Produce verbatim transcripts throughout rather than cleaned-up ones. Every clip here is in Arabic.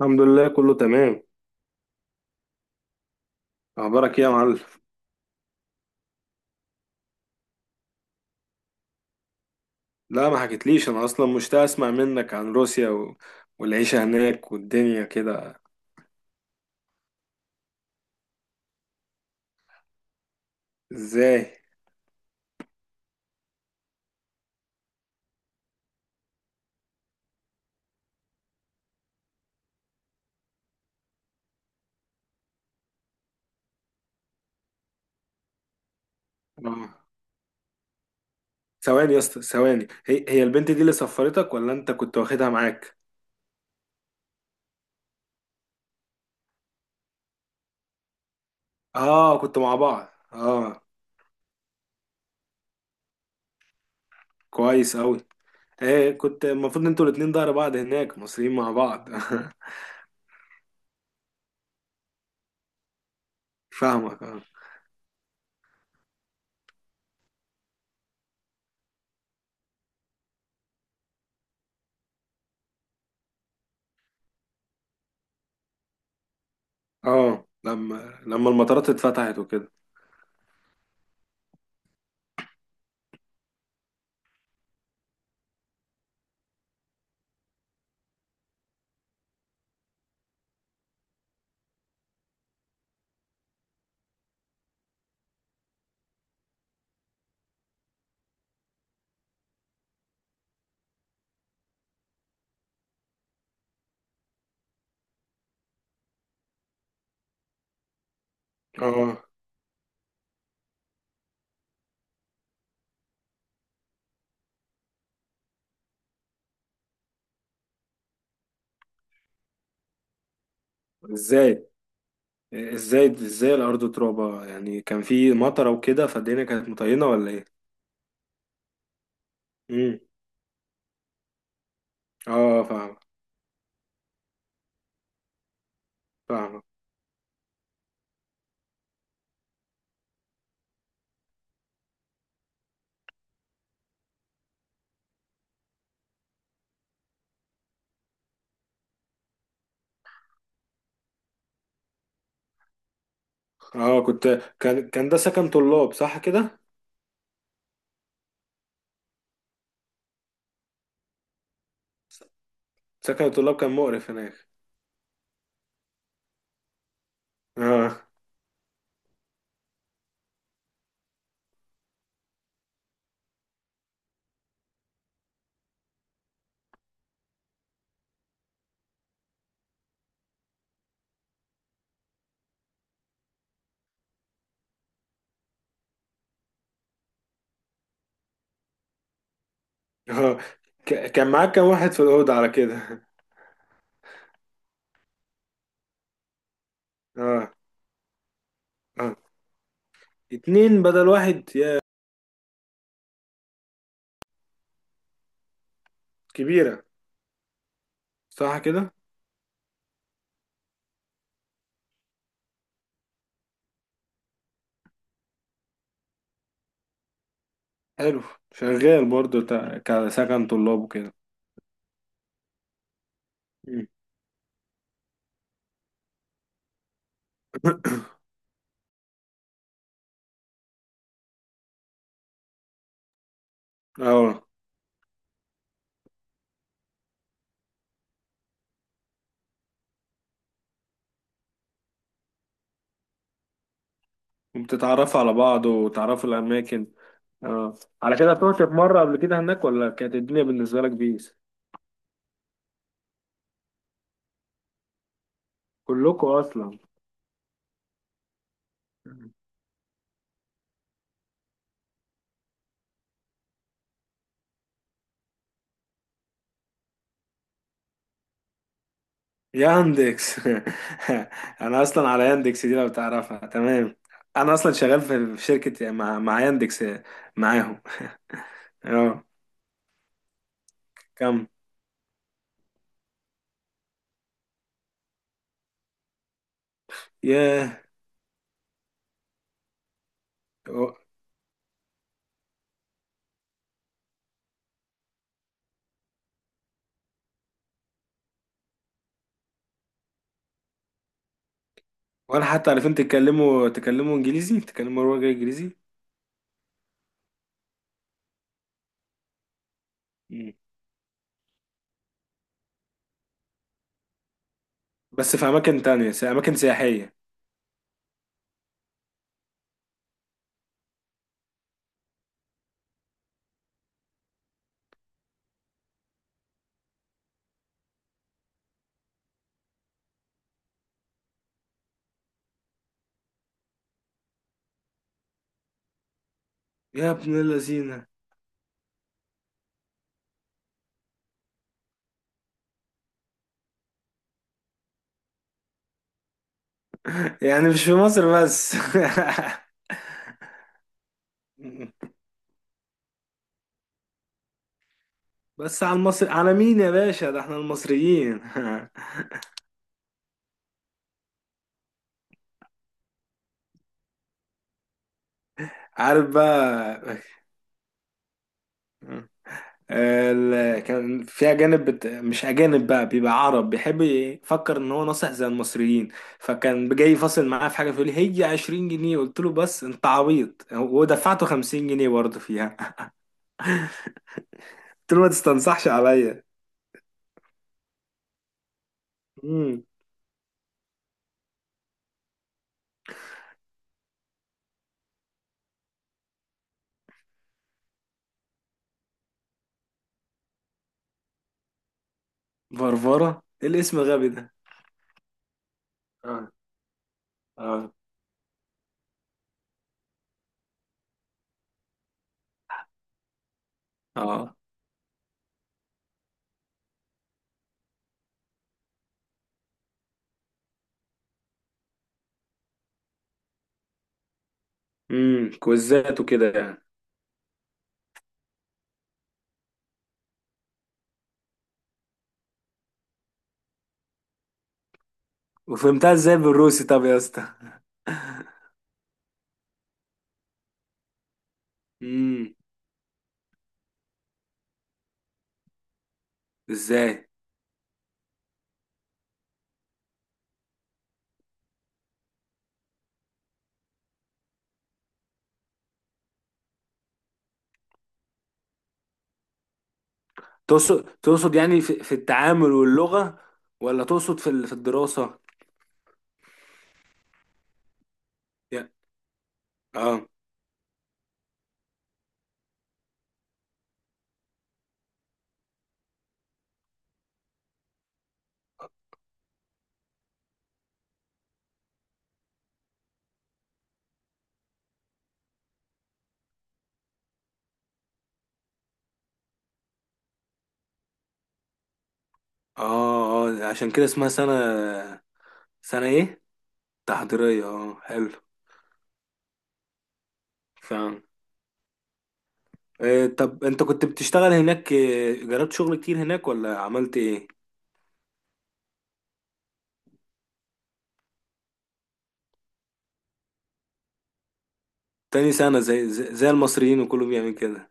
الحمد لله، كله تمام. اخبارك ايه يا معلم؟ لا ما حكيتليش. انا اصلا مشتاق اسمع منك عن روسيا و... والعيشه هناك والدنيا كده. ازاي؟ آه. ثواني يا اسطى، ثواني. هي هي البنت دي اللي سفرتك ولا انت كنت واخدها معاك؟ اه، كنت مع بعض، اه. كويس اوي. ايه، كنت المفروض انتوا الاتنين ظهر بعض هناك مصريين مع بعض. فاهمك، اه. اه، لما لما المطارات اتفتحت وكده. اه. ازاي؟ ازاي ازاي الارض ترابه؟ يعني كان في مطره وكده، فالدنيا كانت مطينه ولا ايه؟ امم. اه، فاهم. فاهم. اه، كنت. كان كان ده سكن طلاب صح كده؟ سكن الطلاب كان مقرف هناك. اه. اه، ك- كان معاك كام واحد في الاوضه على كده؟ اه. اه. اتنين بدل واحد يا. كبيره. صح كده. حلو. شغال برضو تا- كسكن طلاب وكده. مم. اه. وبتتعرفوا على بعض وتعرفوا الاماكن. اه. على كده طلعت في مرة قبل كده هناك ولا كانت الدنيا بالنسبة لك بيس؟ كلكم اصلا. ياندكس. انا اصلا على ياندكس دي لو تعرفها تمام. انا اصلا شغال في في شركة مع مع ياندكس. معاهم. اه. كم؟ ياه. و- ولا حتى عارفين تتكلموا، تتكلموا انجليزي، تتكلموا لغة انجليزي. مم. بس في اماكن تانية س- اماكن سياحية. يا ابن اللذينة. يعني مش في مصر بس. بس على المصري على مين يا باشا؟ ده احنا المصريين. عارف بقى. ال... كان في اجانب، بت... مش اجانب بقى، بيبقى عرب بيحب يفكر ان هو ناصح زي المصريين، فكان جاي فاصل معاه في حاجه فيقول لي هي عشرين جنيه، قلت له بس انت عبيط ودفعته خمسين جنيه برضه فيها. قلت له ما تستنصحش عليا. امم. فرفره، ايه الاسم الغبي ده؟ اه. اه. اه. امم، كوزات وكده يعني. وفهمتها ازاي بالروسي طب يا اسطى؟ امم. ازاي؟ تقصد تقصد يعني في, في التعامل واللغة، ولا تقصد في ال- في الدراسة؟ يا- اه. اه. اه، عشان كده اسمها سنة. سنة ايه؟ تحضيرية، اه، حلو. فاهم. إيه طب انت كنت بتشتغل هناك إيه، جربت شغل كتير هناك ولا عملت ايه؟ تاني سنة، زي زي, زي المصريين وكله بيعمل كده.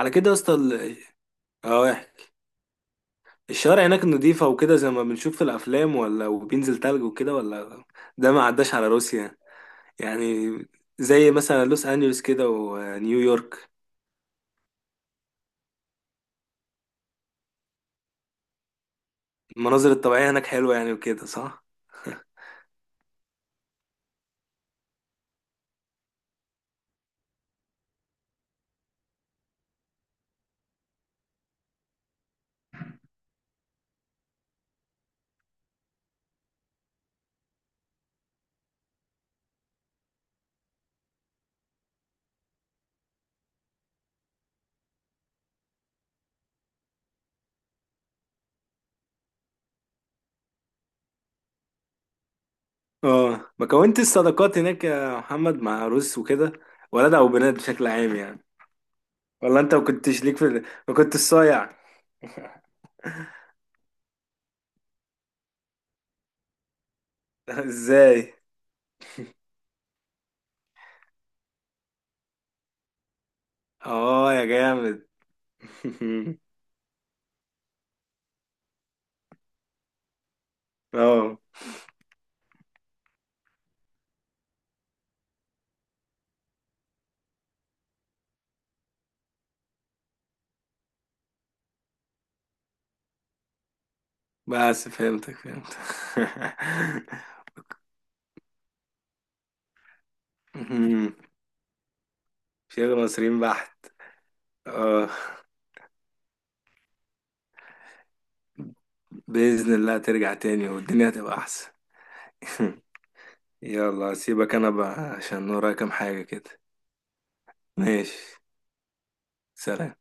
على كده يا اسطى، ال- اه، احكي. الشوارع هناك نضيفة وكده زي ما بنشوف في الافلام ولا؟ وبينزل تلج وكده ولا؟ ده ما عداش على روسيا يعني؟ زي مثلا لوس انجلوس كده ونيويورك. المناظر الطبيعية هناك حلوة يعني، وكده صح؟ اه، ما كونتش صداقات هناك يا محمد مع روس وكده؟ ولاد او بنات بشكل عام يعني. ولا انت ما كنتش ليك في ال- ما كنتش صايع؟ ازاي؟ اه يا جامد. اه، بس فهمتك فهمتك. مهم. شغل مصريين بحت. اه، بإذن الله ترجع تاني والدنيا هتبقى أحسن. يلا سيبك، انا بقى عشان ورايا كام حاجة كده. ماشي. سلام.